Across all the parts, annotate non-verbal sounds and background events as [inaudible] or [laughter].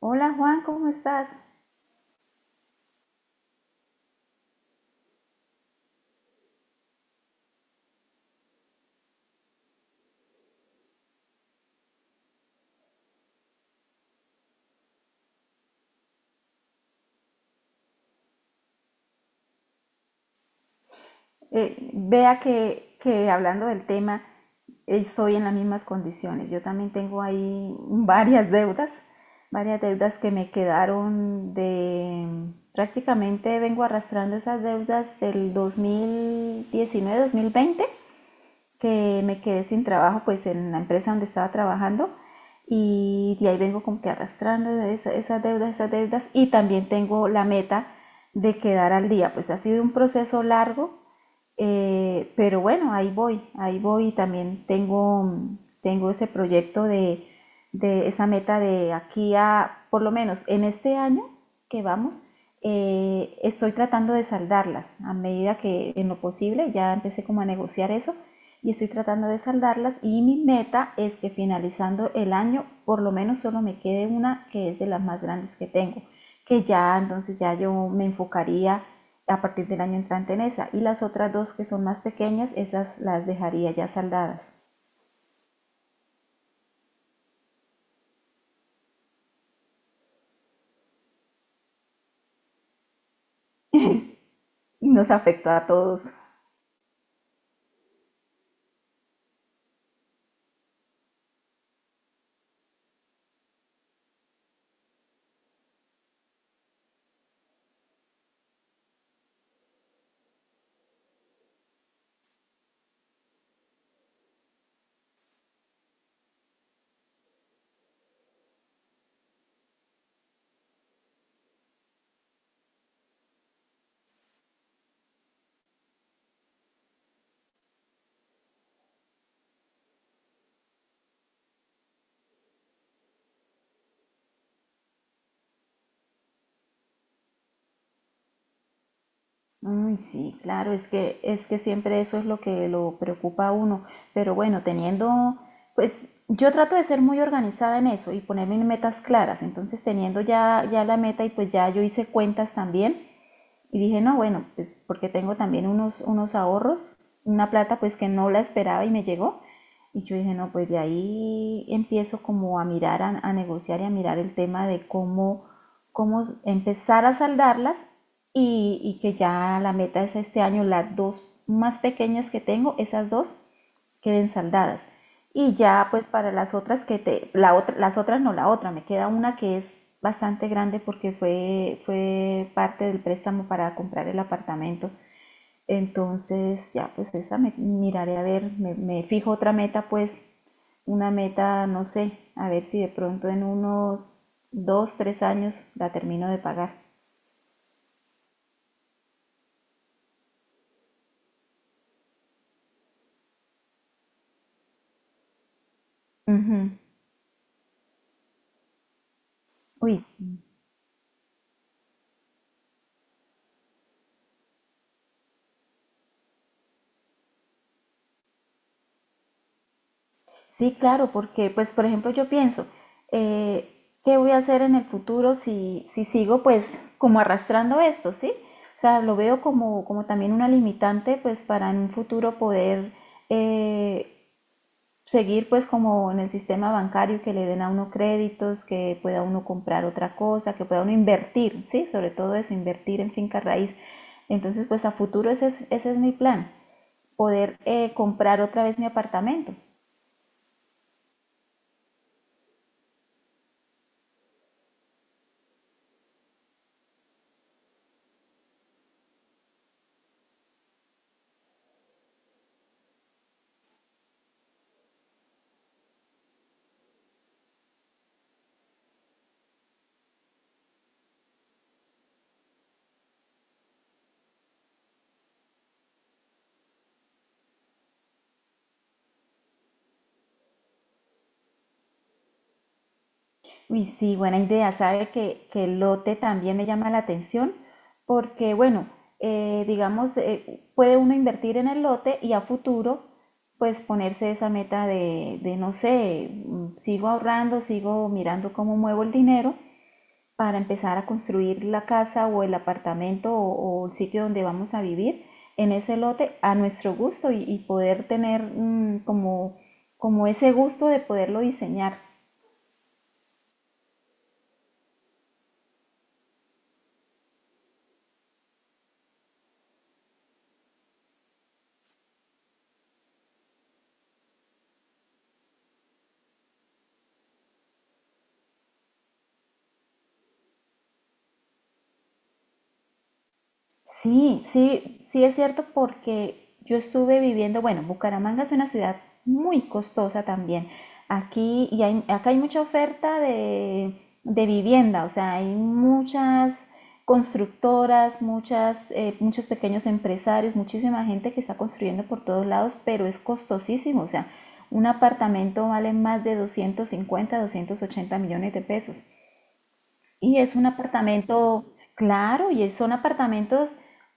Hola Juan, ¿cómo estás? Vea que hablando del tema, estoy en las mismas condiciones. Yo también tengo ahí [laughs] varias deudas que me quedaron de... Prácticamente vengo arrastrando esas deudas del 2019-2020 que me quedé sin trabajo pues en la empresa donde estaba trabajando y de ahí vengo como que arrastrando esas deudas y también tengo la meta de quedar al día. Pues ha sido un proceso largo, pero bueno, ahí voy, ahí voy. También tengo, tengo ese proyecto de esa meta de aquí a, por lo menos en este año que vamos, estoy tratando de saldarlas a medida que en lo posible. Ya empecé como a negociar eso y estoy tratando de saldarlas, y mi meta es que finalizando el año por lo menos solo me quede una, que es de las más grandes que tengo, que ya entonces ya yo me enfocaría a partir del año entrante en esa. Y las otras dos que son más pequeñas, esas las dejaría ya saldadas. Y nos afectó a todos. Uy, sí, claro, es que siempre eso es lo que lo preocupa a uno. Pero bueno, teniendo, pues yo trato de ser muy organizada en eso y ponerme metas claras. Entonces, teniendo ya, ya la meta, y pues ya yo hice cuentas también. Y dije, no, bueno, pues porque tengo también unos ahorros, una plata pues que no la esperaba y me llegó. Y yo dije, no, pues de ahí empiezo como a mirar, a negociar y a mirar el tema de cómo, cómo empezar a saldarlas, y que ya la meta es este año, las dos más pequeñas que tengo, esas dos queden saldadas. Y ya pues para las otras la otra, las otras no, la otra, me queda una que es bastante grande porque fue parte del préstamo para comprar el apartamento. Entonces ya pues esa me miraré a ver, me fijo otra meta pues, una meta, no sé, a ver si de pronto en unos dos, tres años la termino de pagar. Ujú. Uy, sí, claro, porque, pues, por ejemplo, yo pienso, eh, ¿qué voy a hacer en el futuro si, si sigo, pues, como arrastrando esto, ¿sí? O sea, lo veo como, como también una limitante, pues, para en un futuro poder eh, seguir, pues, como en el sistema bancario, que le den a uno créditos, que pueda uno comprar otra cosa, que pueda uno invertir, ¿sí? Sobre todo eso, invertir en finca raíz. Entonces, pues, a futuro ese es mi plan, poder comprar otra vez mi apartamento. Uy, sí, buena idea. Sabe que el lote también me llama la atención porque, bueno, digamos, puede uno invertir en el lote y a futuro, pues ponerse esa meta de, no sé, sigo ahorrando, sigo mirando cómo muevo el dinero para empezar a construir la casa o el apartamento, o el sitio donde vamos a vivir en ese lote a nuestro gusto, y poder tener, como, como ese gusto de poderlo diseñar. Sí, sí, sí es cierto porque yo estuve viviendo, bueno, Bucaramanga es una ciudad muy costosa también. Aquí acá hay mucha oferta de vivienda, o sea, hay muchas constructoras, muchas, muchos pequeños empresarios, muchísima gente que está construyendo por todos lados, pero es costosísimo. O sea, un apartamento vale más de 250, 280 millones de pesos. Y es un apartamento, claro, son apartamentos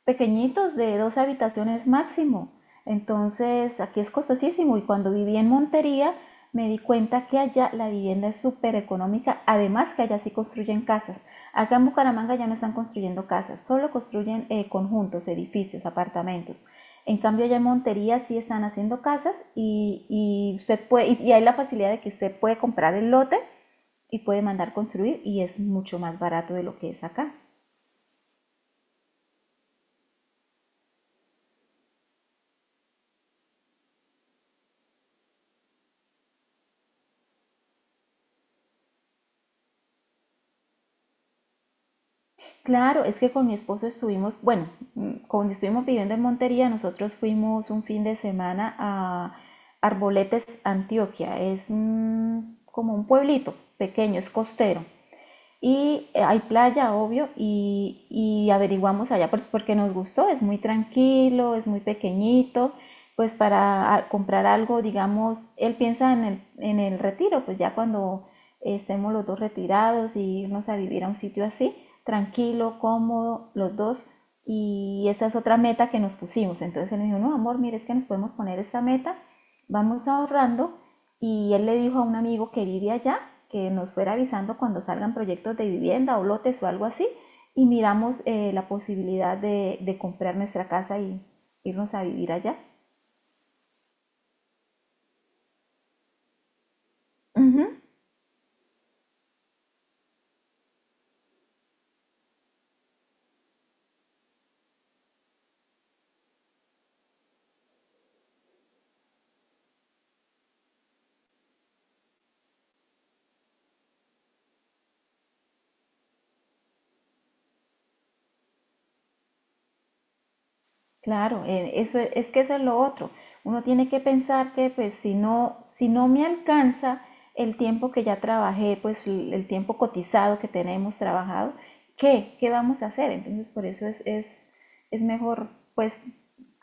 pequeñitos de dos habitaciones máximo. Entonces, aquí es costosísimo. Y cuando viví en Montería, me di cuenta que allá la vivienda es súper económica. Además, que allá sí construyen casas. Acá en Bucaramanga ya no están construyendo casas, solo construyen, conjuntos, edificios, apartamentos. En cambio, allá en Montería sí están haciendo casas, y usted puede, y hay la facilidad de que usted puede comprar el lote y puede mandar construir, y es mucho más barato de lo que es acá. Claro, es que con mi esposo estuvimos, bueno, cuando estuvimos viviendo en Montería, nosotros fuimos un fin de semana a Arboletes, Antioquia. Es como un pueblito pequeño, es costero. Y hay playa, obvio, y averiguamos allá pues, porque nos gustó, es muy tranquilo, es muy pequeñito, pues para comprar algo. Digamos, él piensa en en el retiro, pues ya cuando estemos los dos retirados y irnos a vivir a un sitio así, tranquilo, cómodo, los dos. Y esa es otra meta que nos pusimos. Entonces él me dijo, no, amor, mire, es que nos podemos poner esta meta, vamos ahorrando. Y él le dijo a un amigo que vive allá que nos fuera avisando cuando salgan proyectos de vivienda o lotes o algo así, y miramos, la posibilidad de comprar nuestra casa y irnos a vivir allá. Ujú. Claro, eso es que eso es lo otro. Uno tiene que pensar que pues si no, si no me alcanza el tiempo que ya trabajé, pues el tiempo cotizado que tenemos trabajado, ¿qué? ¿Qué vamos a hacer? Entonces por eso es mejor, pues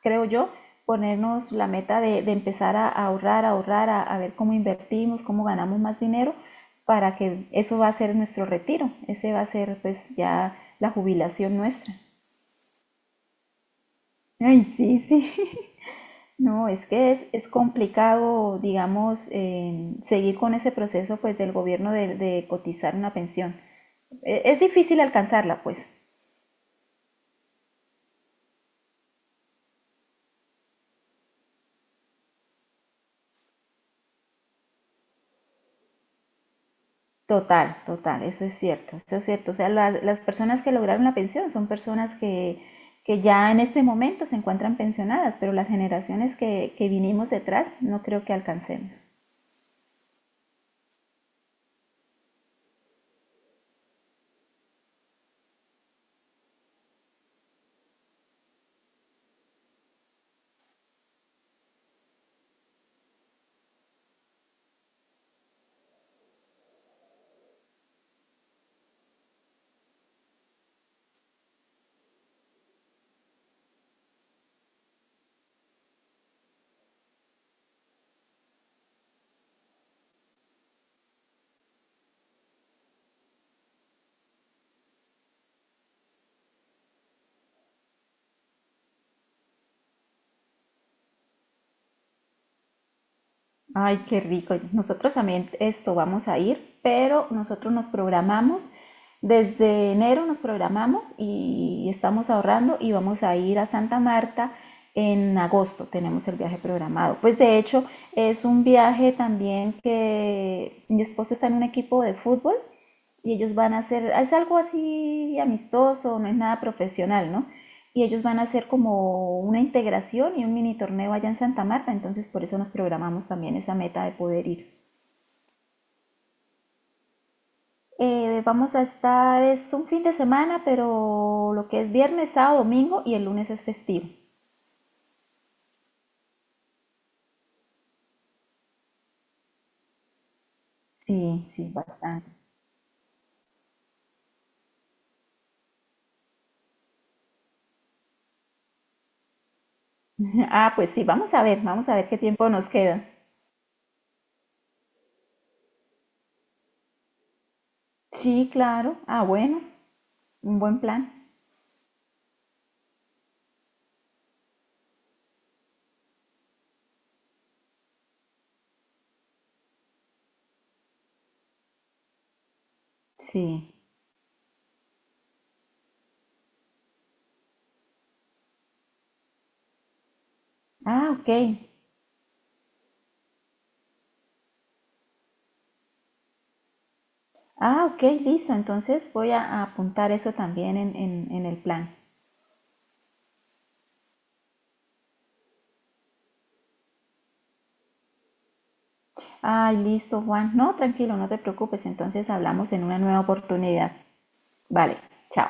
creo yo, ponernos la meta de empezar a ahorrar, a ahorrar, a ver cómo invertimos, cómo ganamos más dinero, para que eso va a ser nuestro retiro, ese va a ser pues ya la jubilación nuestra. Ay, sí, sí. [laughs] No, es que es complicado, digamos, seguir con ese proceso pues del gobierno de cotizar una pensión. Es difícil alcanzarla, pues. Total, total, eso es cierto, eso es cierto. O sea, las personas que lograron la pensión son personas que ya en este momento se encuentran pensionadas, pero las generaciones que vinimos detrás no creo que alcancemos. Ay, qué rico. Nosotros también esto vamos a ir, pero nosotros nos programamos, desde enero nos programamos y estamos ahorrando, y vamos a ir a Santa Marta en agosto. Tenemos el viaje programado. Pues de hecho es un viaje también que mi esposo está en un equipo de fútbol y ellos van a hacer, es algo así amistoso, no es nada profesional, ¿no? Y ellos van a hacer como una integración y un mini torneo allá en Santa Marta, entonces por eso nos programamos también esa meta de poder ir. Vamos a estar, es un fin de semana, pero lo que es viernes, sábado, domingo, y el lunes es festivo. Sí, sí, bastante. [laughs] Ah, pues sí, vamos a ver qué tiempo nos queda. Sí, claro. Ah, bueno, un buen plan. Sí. Ah, ok. Ah, ok, listo. Entonces voy a apuntar eso también en, en el plan. Ay, listo, Juan. No, tranquilo, no te preocupes. Entonces hablamos en una nueva oportunidad. Vale, chao.